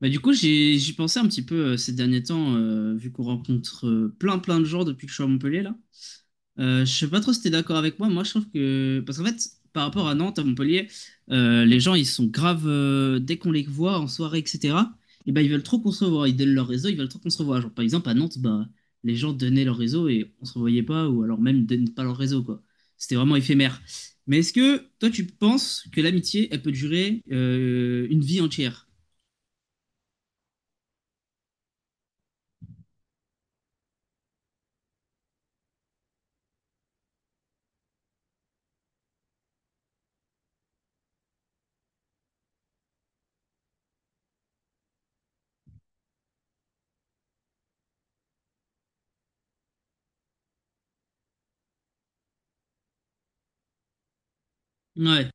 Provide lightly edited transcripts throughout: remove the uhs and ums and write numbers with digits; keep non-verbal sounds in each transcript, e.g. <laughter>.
Bah, du coup, j'y pensais un petit peu ces derniers temps, vu qu'on rencontre plein de gens depuis que je suis à Montpellier là. Je sais pas trop si t'es d'accord avec moi. Moi, je trouve que parce qu'en fait, par rapport à Nantes, à Montpellier, les gens ils sont graves dès qu'on les voit en soirée, etc. Et ben ils veulent trop qu'on se revoie. Ils donnent leur réseau, ils veulent trop qu'on se revoie. Genre par exemple à Nantes, bah les gens donnaient leur réseau et on se revoyait pas, ou alors même ils donnaient pas leur réseau quoi. C'était vraiment éphémère. Mais est-ce que toi tu penses que l'amitié elle peut durer une vie entière? Ouais.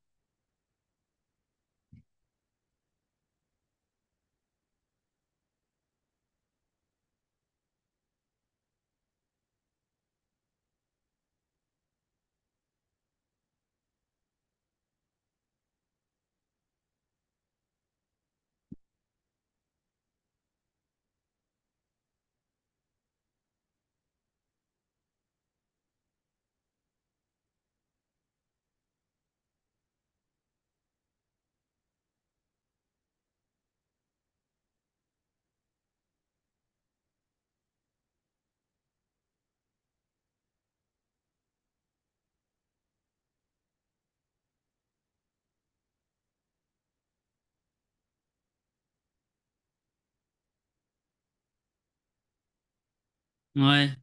Ouais.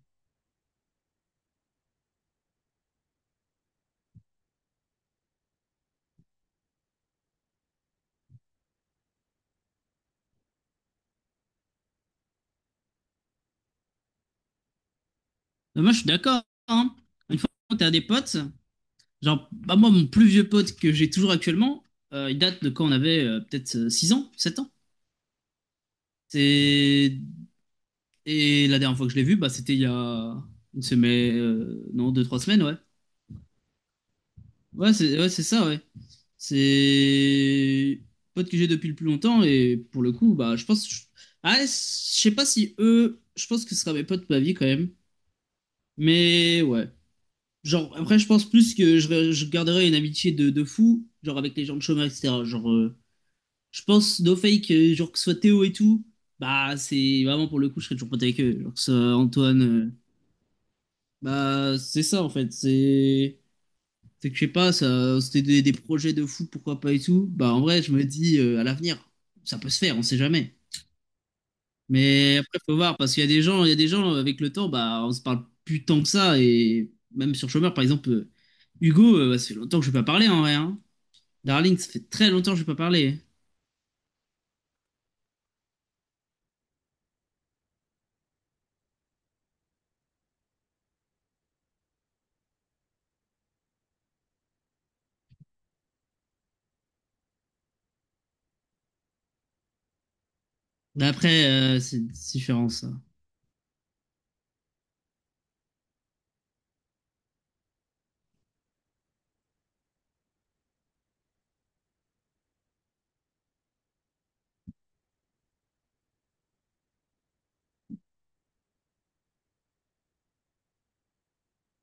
Non, moi, je suis d'accord, hein. Une fois que t'as des potes, genre, bah, moi, mon plus vieux pote que j'ai toujours actuellement, il date de quand on avait peut-être 6 ans, 7 ans. C'est... Et la dernière fois que je l'ai vu, bah, c'était il y a une semaine, non, deux trois semaines, ouais. Ouais, c'est ça, ouais. C'est pote que j'ai depuis le plus longtemps et pour le coup, bah, je pense. Je- Ah, je sais pas si eux, je pense que ce sera mes potes de ma vie quand même. Mais ouais. Genre, après, je pense plus que je garderai une amitié de fou, genre avec les gens de chômage, etc. Genre, je pense, no fake, genre que ce soit Théo et tout, bah, c'est vraiment pour le coup, je serais toujours pote avec eux. Genre que ce soit Antoine, bah, c'est ça en fait. C'est que je sais pas, ça, c'était des projets de fou, pourquoi pas et tout. Bah, en vrai, je me dis à l'avenir, ça peut se faire, on sait jamais. Mais après, faut voir, parce qu'il y a des gens, il y a des gens avec le temps, bah, on se parle plus tant que ça, et même sur chômeur, par exemple. Hugo, bah, ça fait longtemps que je vais pas parler en vrai, hein. Darling, ça fait très longtemps que je n'ai pas parlé. D'après, c'est différent, ça.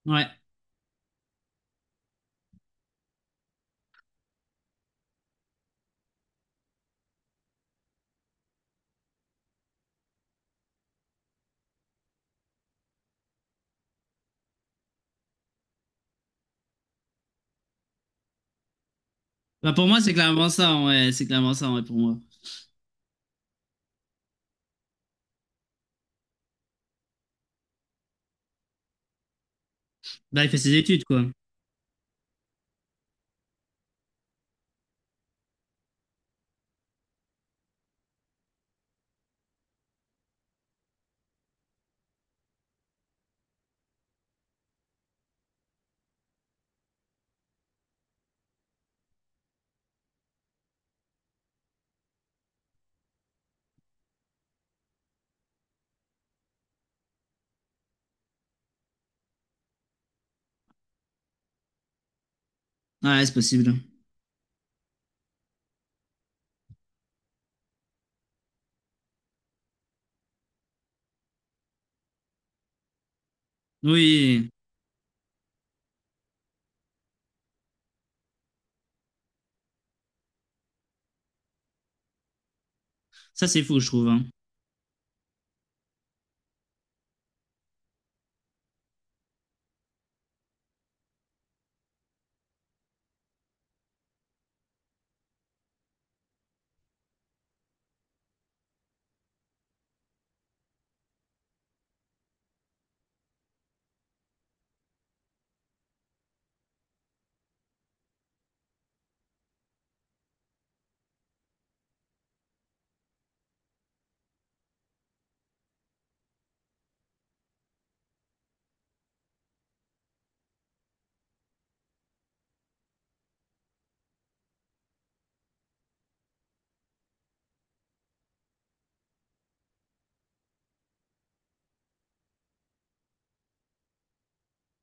Ouais. Bah, pour moi, c'est clairement ça, ouais. C'est clairement ça, ouais, pour moi. Bah, il fait ses études, quoi. Ouais, c'est possible. Oui, ça, c'est fou, je trouve, hein.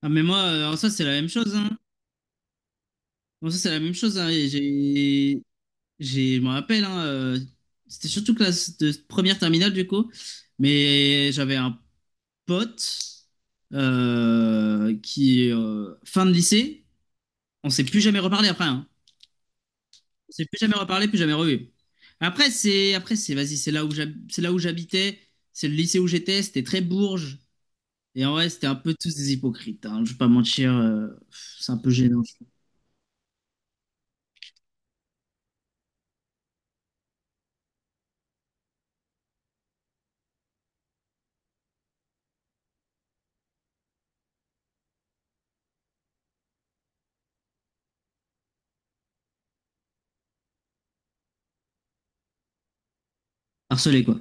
Ah, mais moi, en soi, c'est la même chose, hein. En soi, c'est la même chose, hein. Et j'ai, je me rappelle, hein, c'était surtout classe de première terminale, du coup. Mais j'avais un pote qui, fin de lycée, on s'est plus jamais reparlé après, hein. C'est plus jamais reparlé, plus jamais revu. Après, c'est, vas-y, c'est là où j'habitais, c'est le lycée où j'étais, c'était très bourge. Et en vrai, c'était un peu tous des hypocrites, hein, je vais pas mentir, pff, c'est un peu gênant, je trouve. Harcelé, quoi.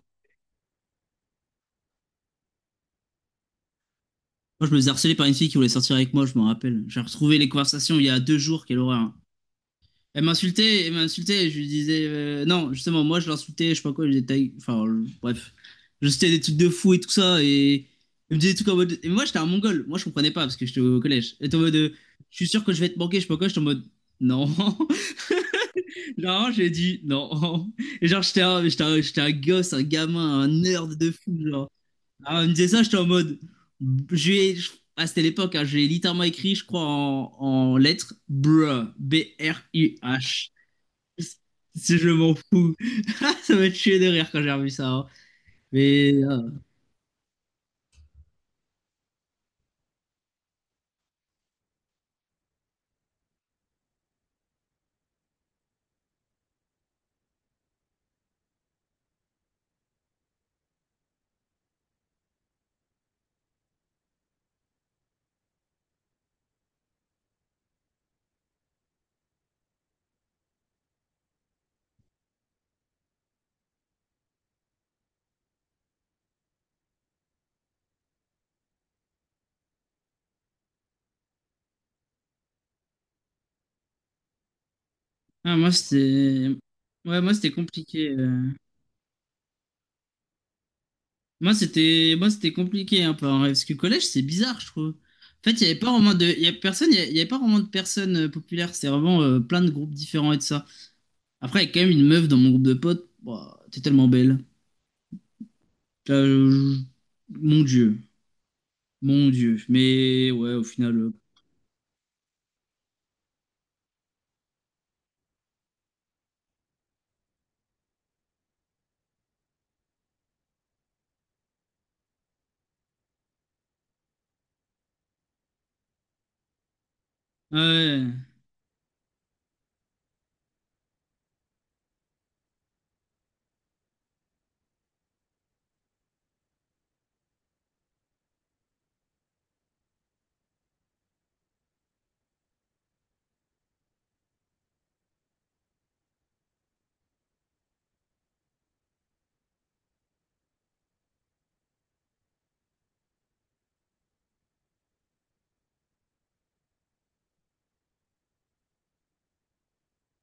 Moi, je me faisais harceler par une fille qui voulait sortir avec moi, je m'en rappelle. J'ai retrouvé les conversations il y a deux jours, quelle horreur, hein. Elle m'insultait, je lui disais non, justement, moi je l'insultais, je sais pas quoi, je disais ta gueule, bref, je citais des trucs de fou et tout ça, et elle me disait des trucs en mode. Et moi j'étais un mongol, moi je comprenais pas parce que j'étais au collège. Elle était en mode, je suis sûr que je vais te manquer, je sais pas quoi, j'étais en mode non, <laughs> genre j'ai dit non, <laughs> et genre j'étais j'étais j'étais un gosse, un gamin, un nerd de fou, genre. Alors, elle me disait ça, j'étais en mode, je lui ai- je- ah c'était l'époque, hein, je l'ai littéralement écrit, je crois en lettres, bruh, B-R-U-H. Si je m'en fous. <laughs> Ça m'a tué de rire quand j'ai revu ça, hein. Mais ah, ah, moi c'était Ouais, moi c'était compliqué, euh. Moi c'était compliqué un peu en vrai, parce que collège c'est bizarre, je trouve. En fait, il y avait pas vraiment de il y a personne, il y avait pas vraiment de personnes populaires, c'était vraiment plein de groupes différents et tout ça. Après, il y a quand même une meuf dans mon groupe de potes. Bah t'es tellement belle. Là, je- Mon Dieu, mon Dieu. Mais ouais, au final ouais.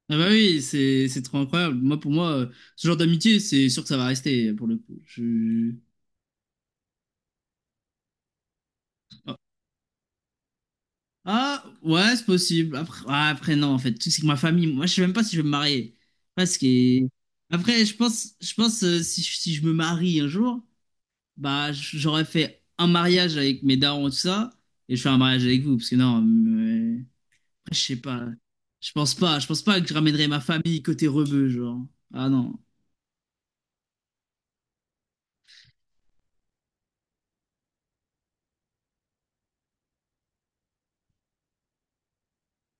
Ah bah oui, c'est trop incroyable. Moi, pour moi, ce genre d'amitié, c'est sûr que ça va rester pour le coup. Je- Ah ouais, c'est possible. Après, ah, après non, en fait, Le truc, c'est que ma famille, moi, je sais même pas si je vais me marier. Parce que après, je pense si si je me marie un jour, bah j'aurais fait un mariage avec mes darons et tout ça, et je fais un mariage avec vous, parce que non, mais... après, je sais pas. Je pense pas que je ramènerai ma famille côté rebeu, genre. Ah non.